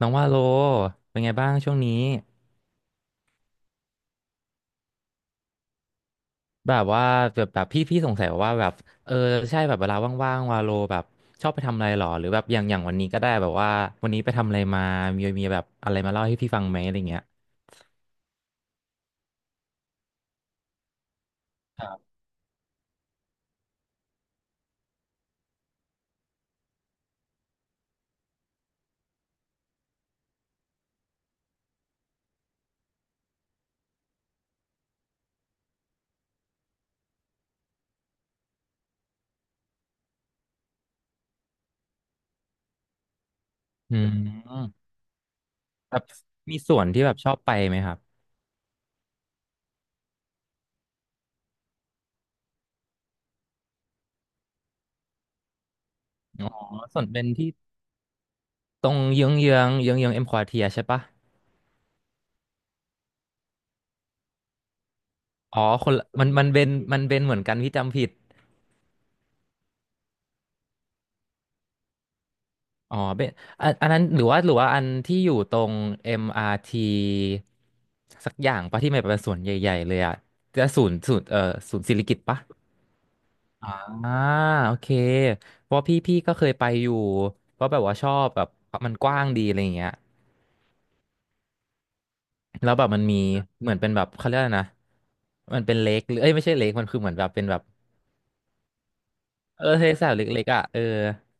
น้องว่าโลเป็นไงบ้างช่วงนี้แบบว่าแบบพี่สงสัยว่าแบบเออใช่แบบเวลาว่างๆวาโลแบบชอบไปทำอะไรหรอหรือแบบอย่างวันนี้ก็ได้แบบว่าวันนี้ไปทำอะไรมามีแบบอะไรมาเล่าให้พี่ฟังไหมอะไรเงี้ยอืมแบบมีส่วนที่แบบชอบไปไหมครับอ๋อส่วนเป็นที่ตรงเยื้องเอ็มควอเทียใช่ปะอ๋อคนละมันเป็นมันเป็นเหมือนกันพี่จำผิด อ๋อเป็นอันนั้นหรือว่าอันที่อยู่ตรง MRT สักอย่างปะที่มันเป็นสวนใหญ่ๆเลยอะจะศูนย์ศูนย์สิริกิติ์ปะอ่าโอเคเพราะพี่ก็เคยไปอยู่เพราะแบบว่าชอบแบบมันกว้างดีอะไรอย่างเงี้ยแล้วแบบมันมีเหมือนเป็นแบบเขาเรียกอะไรนะมันเป็นเลคหรือเอ้ยไม่ใช่เลคมันคือเหมือนแบบเป็นแบบเออทะเลสาบเล็กๆอ่ะเออ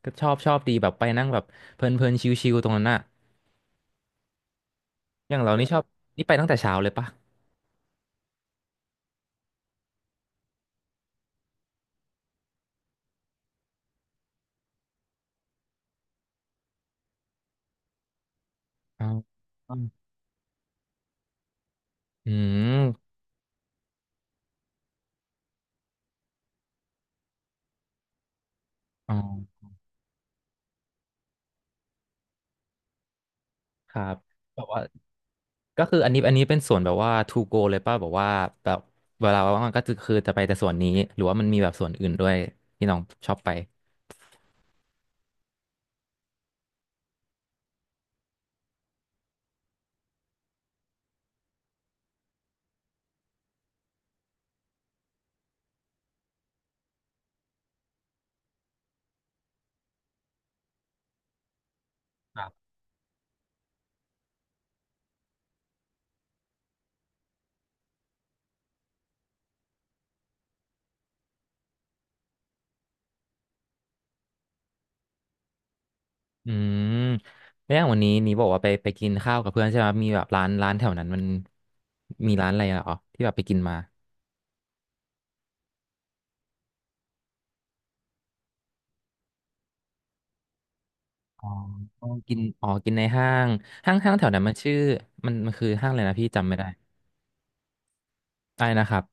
ก็ชอบดีแบบไปนั่งแบบเพลินๆชิลๆตรงนั้นอะอย่างเรานี่ชอบนี่ไปตั้งแต่เช้าเลยปะอ๋อ อืมอ๋อครับแบบว่าก็คืออันนี้เป็นส่วนแบบว่า to go เลยป่ะแบบว่าแบบเวลาว่างๆก็จะคือจะไปแต่ส่วนนี้หรือว่ามันมีแบบส่วนอื่นด้วยที่น้องชอบไปครับอืมแล้วอย่างวันนี้นี้บอกว่าไปกินข้าวกับเพื่อนใช่ไหมมีแบบร้านแถวนั้นมันมีร้านอะไรเหรอที่แบบไปกินมาอ๋ออ๋อกินในห้างห้างแถวนั้นมันชื่อมันคือห้างอะไรนะพี่จำไม่ได้อะไรนะครับ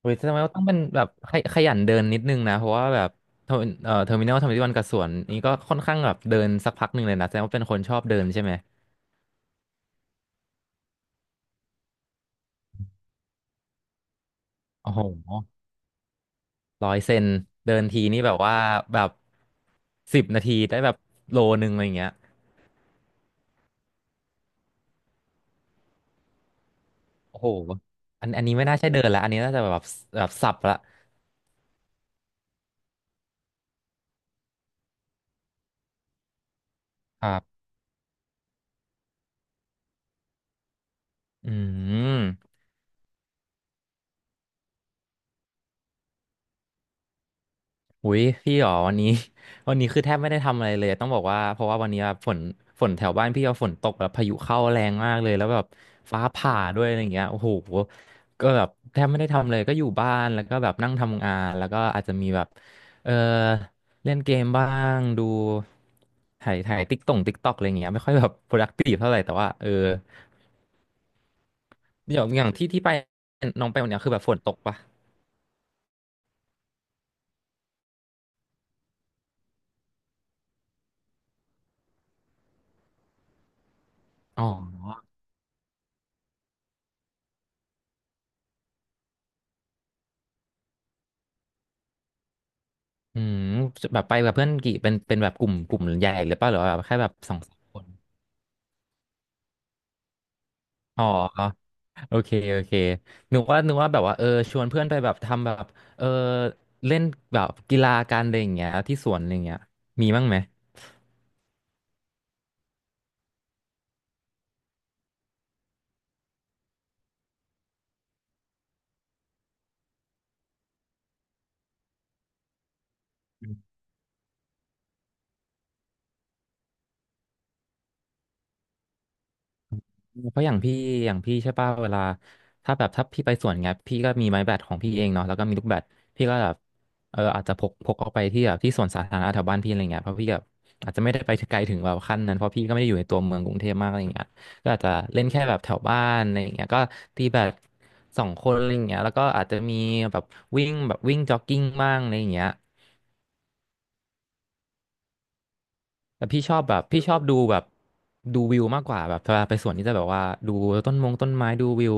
เฮ้ยแสดงว่าต้องเป็นแบบขยันเดินนิดนึงนะเพราะว่าแบบเทอร์มินอลทำที่วันกับสวนนี้ก็ค่อนข้างแบบเดินสักพักหนึ่งเลยนะแสดงว่าเป็นคนชอบเดินใช่ไหมโอ้โหร้อยเซนเดินทีนี่แบบว่าแบบสิบนาทีได้แบบโลนึงอะไรอย่างเงี้ยโอ้โหอันนี้ไม่น่าใช่เดินละอันนี้น่าจะแบบแบบสับละครับอืม อุ้ยพี่หรอวันนี้ วันนี้คือแทบไม่ได้ทำอะไรเลยต้องบอกว่าเพราะว่าวันนี้แบบฝนแถวบ้านพี่เอาฝนตกแบบพายุเข้าแรงมากเลยแล้วแบบฟ้าผ่าด้วยอะไรอย่างเงี้ยโอ้โหก็แบบแทบไม่ได้ทำเลยก็อยู่บ้านแล้วก็แบบนั่งทำงานแล้วก็อาจจะมีแบบเออเล่นเกมบ้างดูถ่ายติ๊กต่งติ๊กตอกอะไรอย่างเงี้ยไม่ค่อยแบบ productive เท่าไหร่แต่ว่าเอออย่างที่ไปน้องไปวันเนี้ยคือแบบฝนตกปะอ๋อ อืมแบบไปกับเพื่อนเป็นแบบกลุ่มใหญ่หรือเปล่าหรือว่าแบบแค่แบบสองสามคนอ๋อโอเคนึกว่าแบบว่าเออชวนเพื่อนไปแบบทำแบบเออเล่นแบบกีฬาการอะไรอย่างเงี้ยที่สวนอะไรอย่างเงี้ยมีบ้างไหม เพราะอย่างพี่ใช่ป่ะเวลาถ้าแบบถ้าพี่ไปสวนเงี้ยพี่ก็มีไม้แบดของพี่เองเนาะแล้วก็มีลูกแบดพี่ก็แบบเอออาจจะพกออกไปที่แบบที่สวนสาธารณะแถวบ้านพี่อะไรเงี้ยเพราะพี่แบบอาจจะไม่ได้ไปถึงไกลถึงแบบขั้นนั้นเพราะพี่ก็ไม่ได้อยู่ในตัวเมืองกรุงเทพมากอะไรเงี้ยก็อาจจะเล่นแค่แบบแถวบ้านอะไรเงี้ยก็ตีแบดสองคนอะไรเงี้ยแล้วก็อาจจะมีแบบวิ่งแบบวิ่งจ็อกกิ้งบ้างอะไรเงี้ย แต่พี่ชอบดูแบบดูวิวมากกว่าแบบเวลาไปสวนนี่จะแบบว่าดูต้นไม้ดูวิว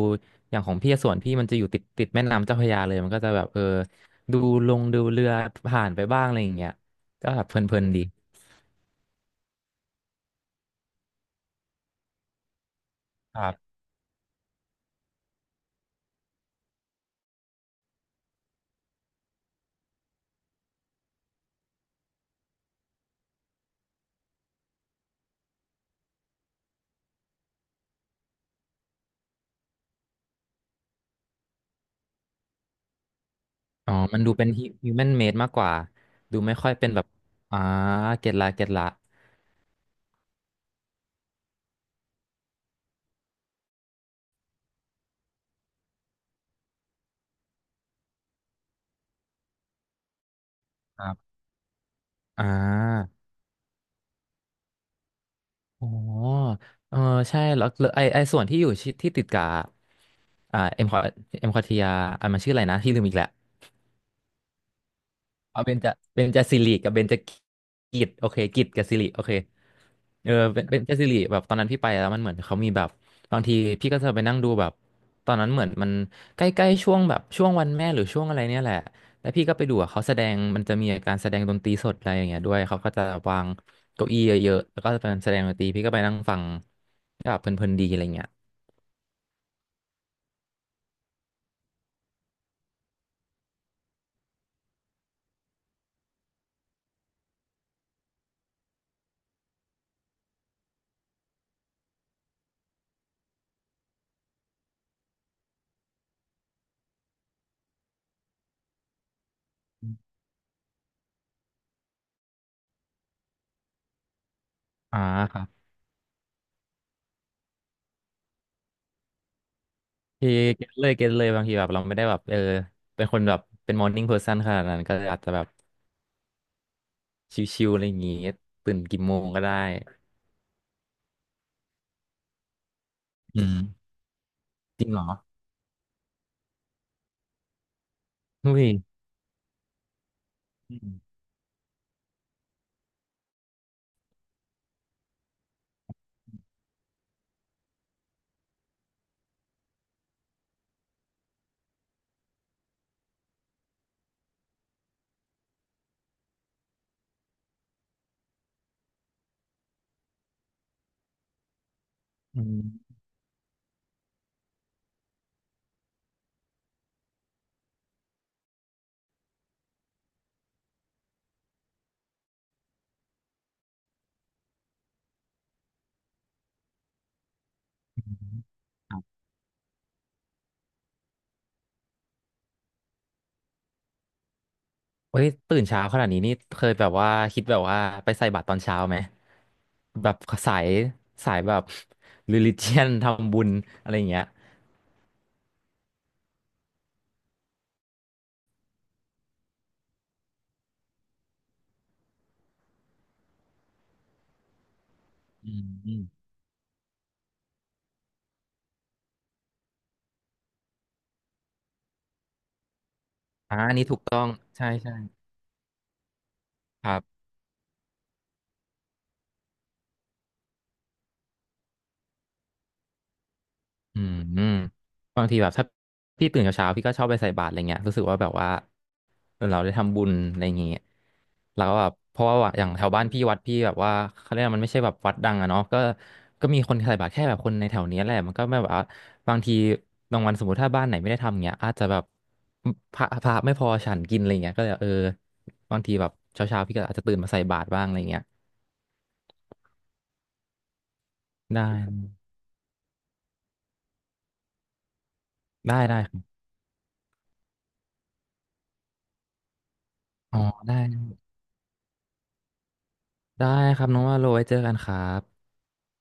อย่างของพี่อะสวนพี่มันจะอยู่ติดแม่น้ำเจ้าพระยาเลยมันก็จะแบบเออดูลงดูเรือผ่านไปบ้างอะไรอย่างเงี้ยก็แบบเพลินๆดีครับอ๋อมันดูเป็นฮิวแมนเมดมากกว่าดูไม่ค่อยเป็นแบบอ่าเก็ตละครับอ่าอ๋อเออใช่แล้วแล้วไอส่วนที่อยู่ที่ติดกับอ่าเอ็มคอทียอมันชื่ออะไรนะที่ลืมอีกแหล้ว เอาเบญจสิริกับเบญจกิจโอเคกิจกับสิริโอเคเออเบญจสิริแบบตอนนั้นพี่ไปแล้วมันเหมือนเขามีแบบบางทีพี่ก็จะไปนั่งดูแบบตอนนั้นเหมือนมันใกล้ๆช่วงแบบช่วงวันแม่หรือช่วงอะไรเนี่ยแหละแล้วพี่ก็ไปดูอะเขาแสดงมันจะมีการแสดงดนตรีสดอะไรอย่างเงี้ยด้วยเขาก็จะวางเก้าอี้เยอะๆแล้วก็เป็นแสดงดนตรีพี่ก็ไปนั่งฟังก็แบบเพลินๆดีอะไรเงี้ยอ่าครับพี่เก็ตเลยบางทีแบบเราไม่ได้แบบเออเป็นคนแบบเป็นมอร์นิ่งเพอร์ซันขนาดนั้นก็อาจจะแบบ ชิวๆอะไรอย่างงี้ตื่นกี่โมงก็ได้อืมจริงเหรออุ้ยอืมอืมครับเฮ้ยตื่นเช้าขนาดนี้นี่เคยแบบว่าคิดแบบว่าไปใส่บาตรตอนเช้าไหมแบบสายสายแบบ religion ทำบุญอะไรอย่างเงี้ยอืมอ่าอันนี้ถูกต้องใช่ครับอืมบางทีแบบถ้าพี่ตื่นเช้าๆพี่ก็ชอบไปใส่บาตรอะไรเงี้ยรู้สึกว่าแบบว่า เอเราได้ทำบุญอะไรอย่างเงี้ยเราก็แบบเพราะว่าอย่างแถวบ้านพี่วัดพี่แบบว่าเขาเรียกว่ามันไม่ใช่แบบวัดดังอะเนาะก็ก็มีคนใส่บาตรแค่แบบคนในแถวเนี้ยแหละมันก็ไม่แบบว่าบางทีบางวันสมมติถ้าบ้านไหนไม่ได้ทำเงี้ยอาจจะแบบพระไม่พอฉันกินอะไรเงี้ยก็เลยเออบางทีแบบเช้าพี่ก็อาจจะตื่นมาใส่บาตรบ้างอะไรเงี้ยได้ได้ได้ครับอ๋อได้ได้ครับน้องว่าโรไว้เจอกันครับ